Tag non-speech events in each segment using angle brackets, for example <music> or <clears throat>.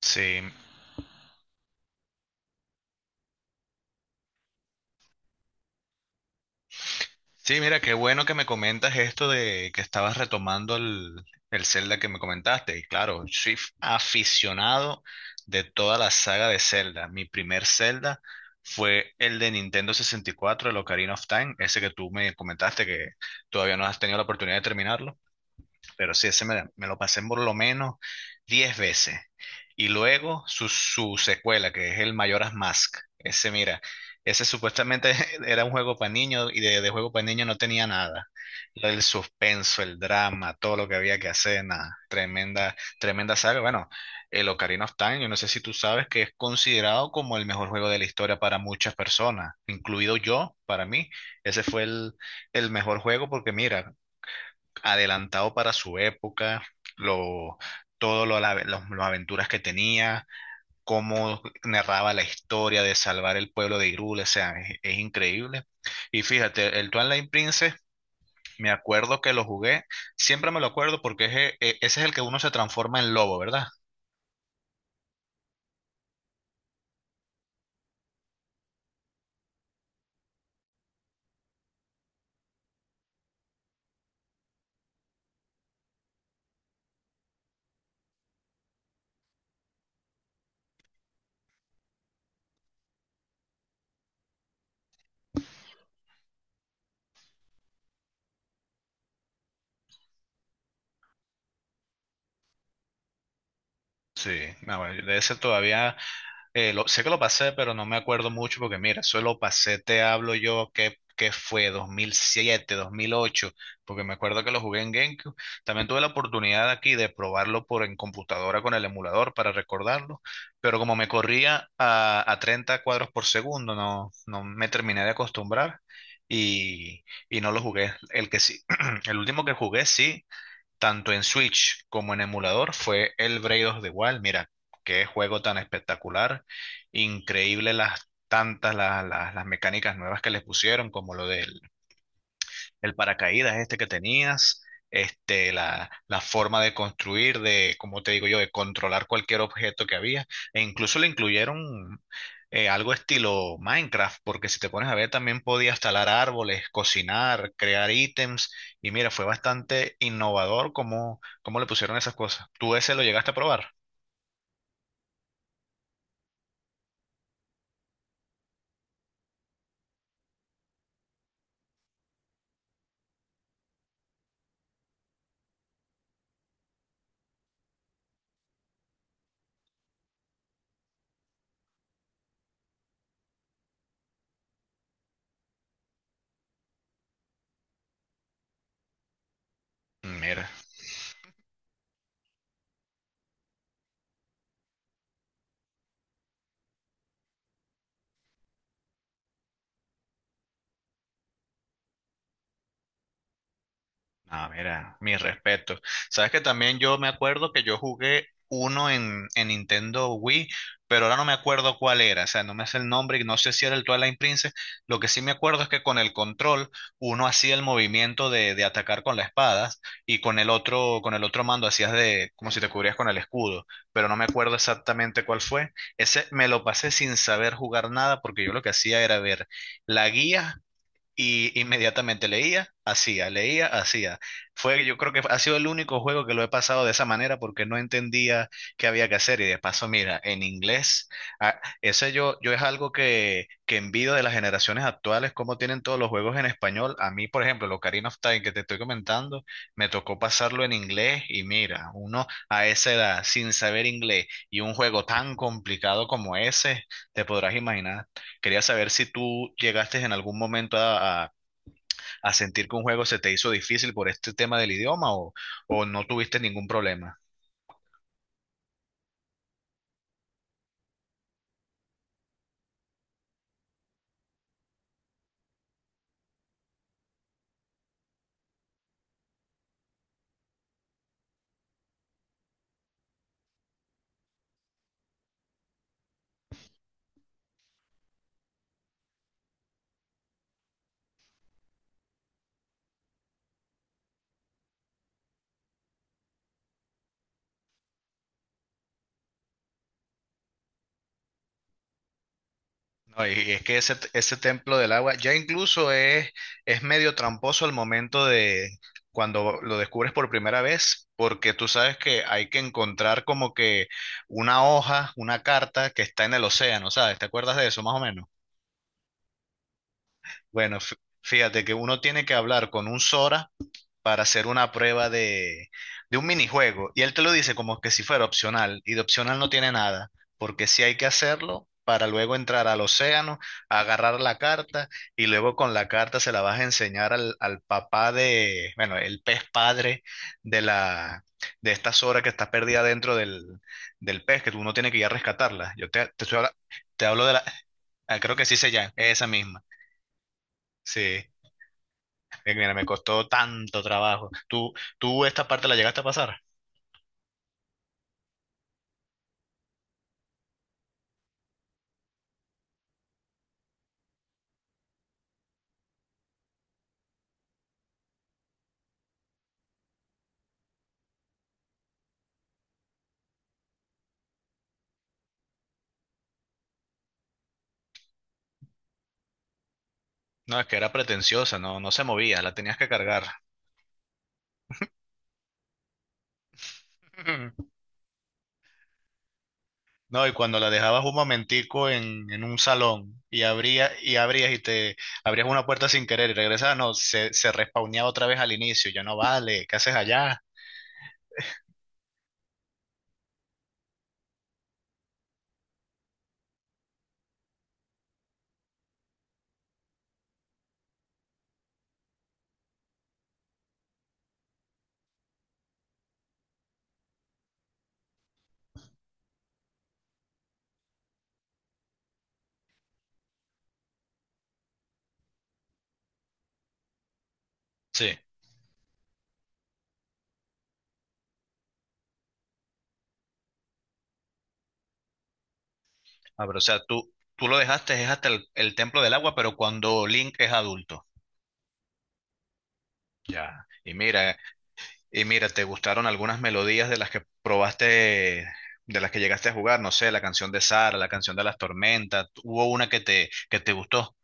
Sí, sí, mira, qué bueno que me comentas esto de que estabas retomando el Zelda que me comentaste. Y claro, soy aficionado de toda la saga de Zelda. Mi primer Zelda fue el de Nintendo 64, el Ocarina of Time, ese que tú me comentaste que todavía no has tenido la oportunidad de terminarlo. Pero sí, me lo pasé por lo menos 10 veces. Y luego su secuela, que es el Majora's Mask. Ese, mira, ese supuestamente <laughs> era un juego para niños y de juego para niños no tenía nada. Lo del suspenso, el drama, todo lo que había que hacer, nada. Tremenda, tremenda saga. Bueno, el Ocarina of Time, yo no sé si tú sabes que es considerado como el mejor juego de la historia para muchas personas, incluido yo, para mí. Ese fue el mejor juego porque mira, adelantado para su época, lo, todo lo, las aventuras que tenía, cómo narraba la historia de salvar el pueblo de Hyrule, o sea, es increíble. Y fíjate, el Twilight Princess, me acuerdo que lo jugué, siempre me lo acuerdo porque ese es el que uno se transforma en lobo, ¿verdad? Sí, no, de ese todavía sé que lo pasé, pero no me acuerdo mucho porque mira, eso lo pasé, te hablo yo, que fue 2007, 2008, porque me acuerdo que lo jugué en GameCube. También tuve la oportunidad aquí de probarlo por en computadora con el emulador para recordarlo, pero como me corría a 30 cuadros por segundo, no, no me terminé de acostumbrar y, y no lo jugué. El que sí, <clears throat> el último que jugué sí tanto en Switch como en emulador, fue el Braid of the Wild. Mira, qué juego tan espectacular, increíble las tantas las mecánicas nuevas que les pusieron, como lo del el paracaídas este que tenías, este, la forma de construir, de, como te digo yo, de controlar cualquier objeto que había, e incluso le incluyeron algo estilo Minecraft, porque si te pones a ver también podías talar árboles, cocinar, crear ítems, y mira, fue bastante innovador cómo le pusieron esas cosas. ¿Tú ese lo llegaste a probar? Mira. Ah, mira, mi respeto. Sabes que también yo me acuerdo que yo jugué uno en Nintendo Wii, pero ahora no me acuerdo cuál era, o sea, no me hace el nombre y no sé si era el Twilight Princess. Lo que sí me acuerdo es que con el control uno hacía el movimiento de atacar con la espada y con el otro mando hacías de como si te cubrías con el escudo, pero no me acuerdo exactamente cuál fue. Ese me lo pasé sin saber jugar nada porque yo lo que hacía era ver la guía y inmediatamente leía, hacía, leía, hacía. Fue, yo creo que ha sido el único juego que lo he pasado de esa manera porque no entendía qué había que hacer. Y de paso, mira, en inglés, ah, yo es algo que envidio de las generaciones actuales, cómo tienen todos los juegos en español. A mí, por ejemplo, el Ocarina of Time que te estoy comentando, me tocó pasarlo en inglés. Y mira, uno a esa edad, sin saber inglés, y un juego tan complicado como ese, te podrás imaginar. Quería saber si tú llegaste en algún momento a sentir que un juego se te hizo difícil por este tema del idioma o no tuviste ningún problema. No, y es que ese templo del agua ya incluso es medio tramposo al momento de cuando lo descubres por primera vez, porque tú sabes que hay que encontrar como que una hoja, una carta que está en el océano, ¿sabes? ¿Te acuerdas de eso más o menos? Bueno, fíjate que uno tiene que hablar con un Sora para hacer una prueba de un minijuego. Y él te lo dice como que si fuera opcional, y de opcional no tiene nada, porque sí hay que hacerlo para luego entrar al océano, agarrar la carta, y luego con la carta se la vas a enseñar al papá de, bueno, el pez padre de la, de esta Sora que está perdida dentro del pez, que tú no tienes que ir a rescatarla. Yo te, te, estoy habla- te hablo de la, ah, creo que sí se llama, esa misma. Sí. Mira, me costó tanto trabajo. ¿Tú, tú esta parte la llegaste a pasar? No, es que era pretenciosa, no, no se movía, la tenías que cargar. <laughs> No, y cuando la dejabas un momentico en un salón y abrías y te abrías una puerta sin querer y regresabas, no, se respawneaba otra vez al inicio. Yo no vale, ¿qué haces allá? Sí. Ah, pero o sea, tú lo dejaste, es hasta el templo del agua, pero cuando Link es adulto. Ya. Y mira, ¿te gustaron algunas melodías de las que probaste, de las que llegaste a jugar? No sé, la canción de Sara, la canción de las tormentas. ¿Hubo una que que te gustó?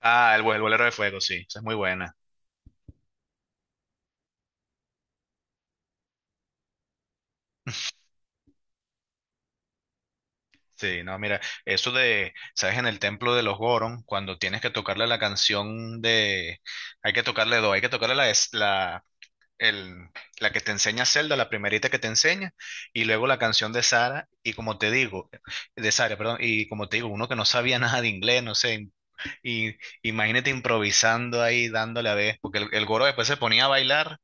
Ah, el Bolero de Fuego, sí, esa es muy buena. Sí, no, mira, eso de, ¿sabes? En el templo de los Goron, cuando tienes que tocarle la canción de, hay que tocarle dos, hay que tocarle el, la que te enseña Zelda, la primerita que te enseña, y luego la canción de Sara, y como te digo, de Sara, perdón, y como te digo, uno que no sabía <laughs> nada de inglés, no sé, y imagínate improvisando ahí, dándole a ver, porque el Goro después se ponía a bailar,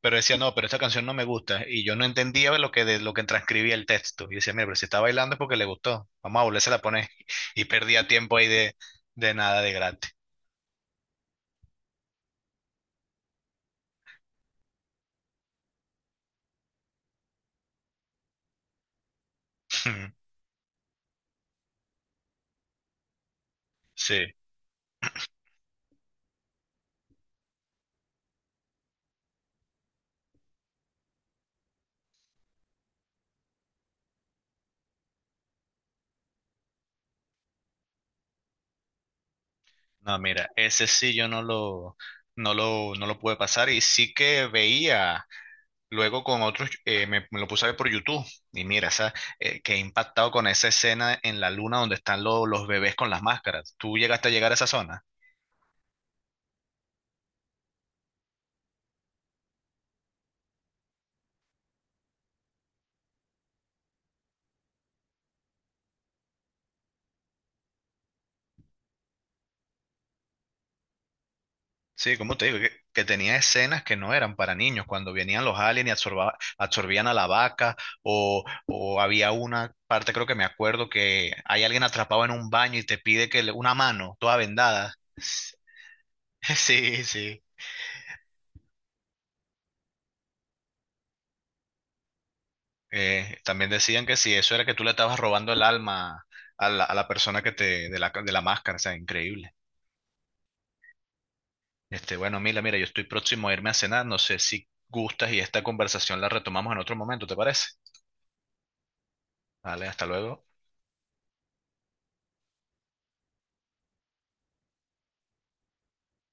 pero decía, no, pero esta canción no me gusta. Y yo no entendía lo que transcribía el texto. Y decía, mira, pero si está bailando es porque le gustó. Vamos a volverse a poner. <laughs> Y perdía tiempo ahí de nada de gratis. <laughs> Sí. No, mira, ese sí yo no lo pude pasar. Y sí que veía. Luego con otros, me lo puse a ver por YouTube y mira, esa, quedé impactado con esa escena en la luna donde están los bebés con las máscaras. ¿Tú llegaste a llegar a esa zona? Sí, como te digo, que tenía escenas que no eran para niños, cuando venían los aliens y absorbían a la vaca o había una parte, creo que me acuerdo, que hay alguien atrapado en un baño y te pide que una mano toda vendada. <laughs> Sí, sí. También decían que si eso era que tú le estabas robando el alma a la persona que te, de la máscara, o sea, increíble. Este, bueno, mira, mira, yo estoy próximo a irme a cenar, no sé si gustas y esta conversación la retomamos en otro momento, ¿te parece? Vale, hasta luego.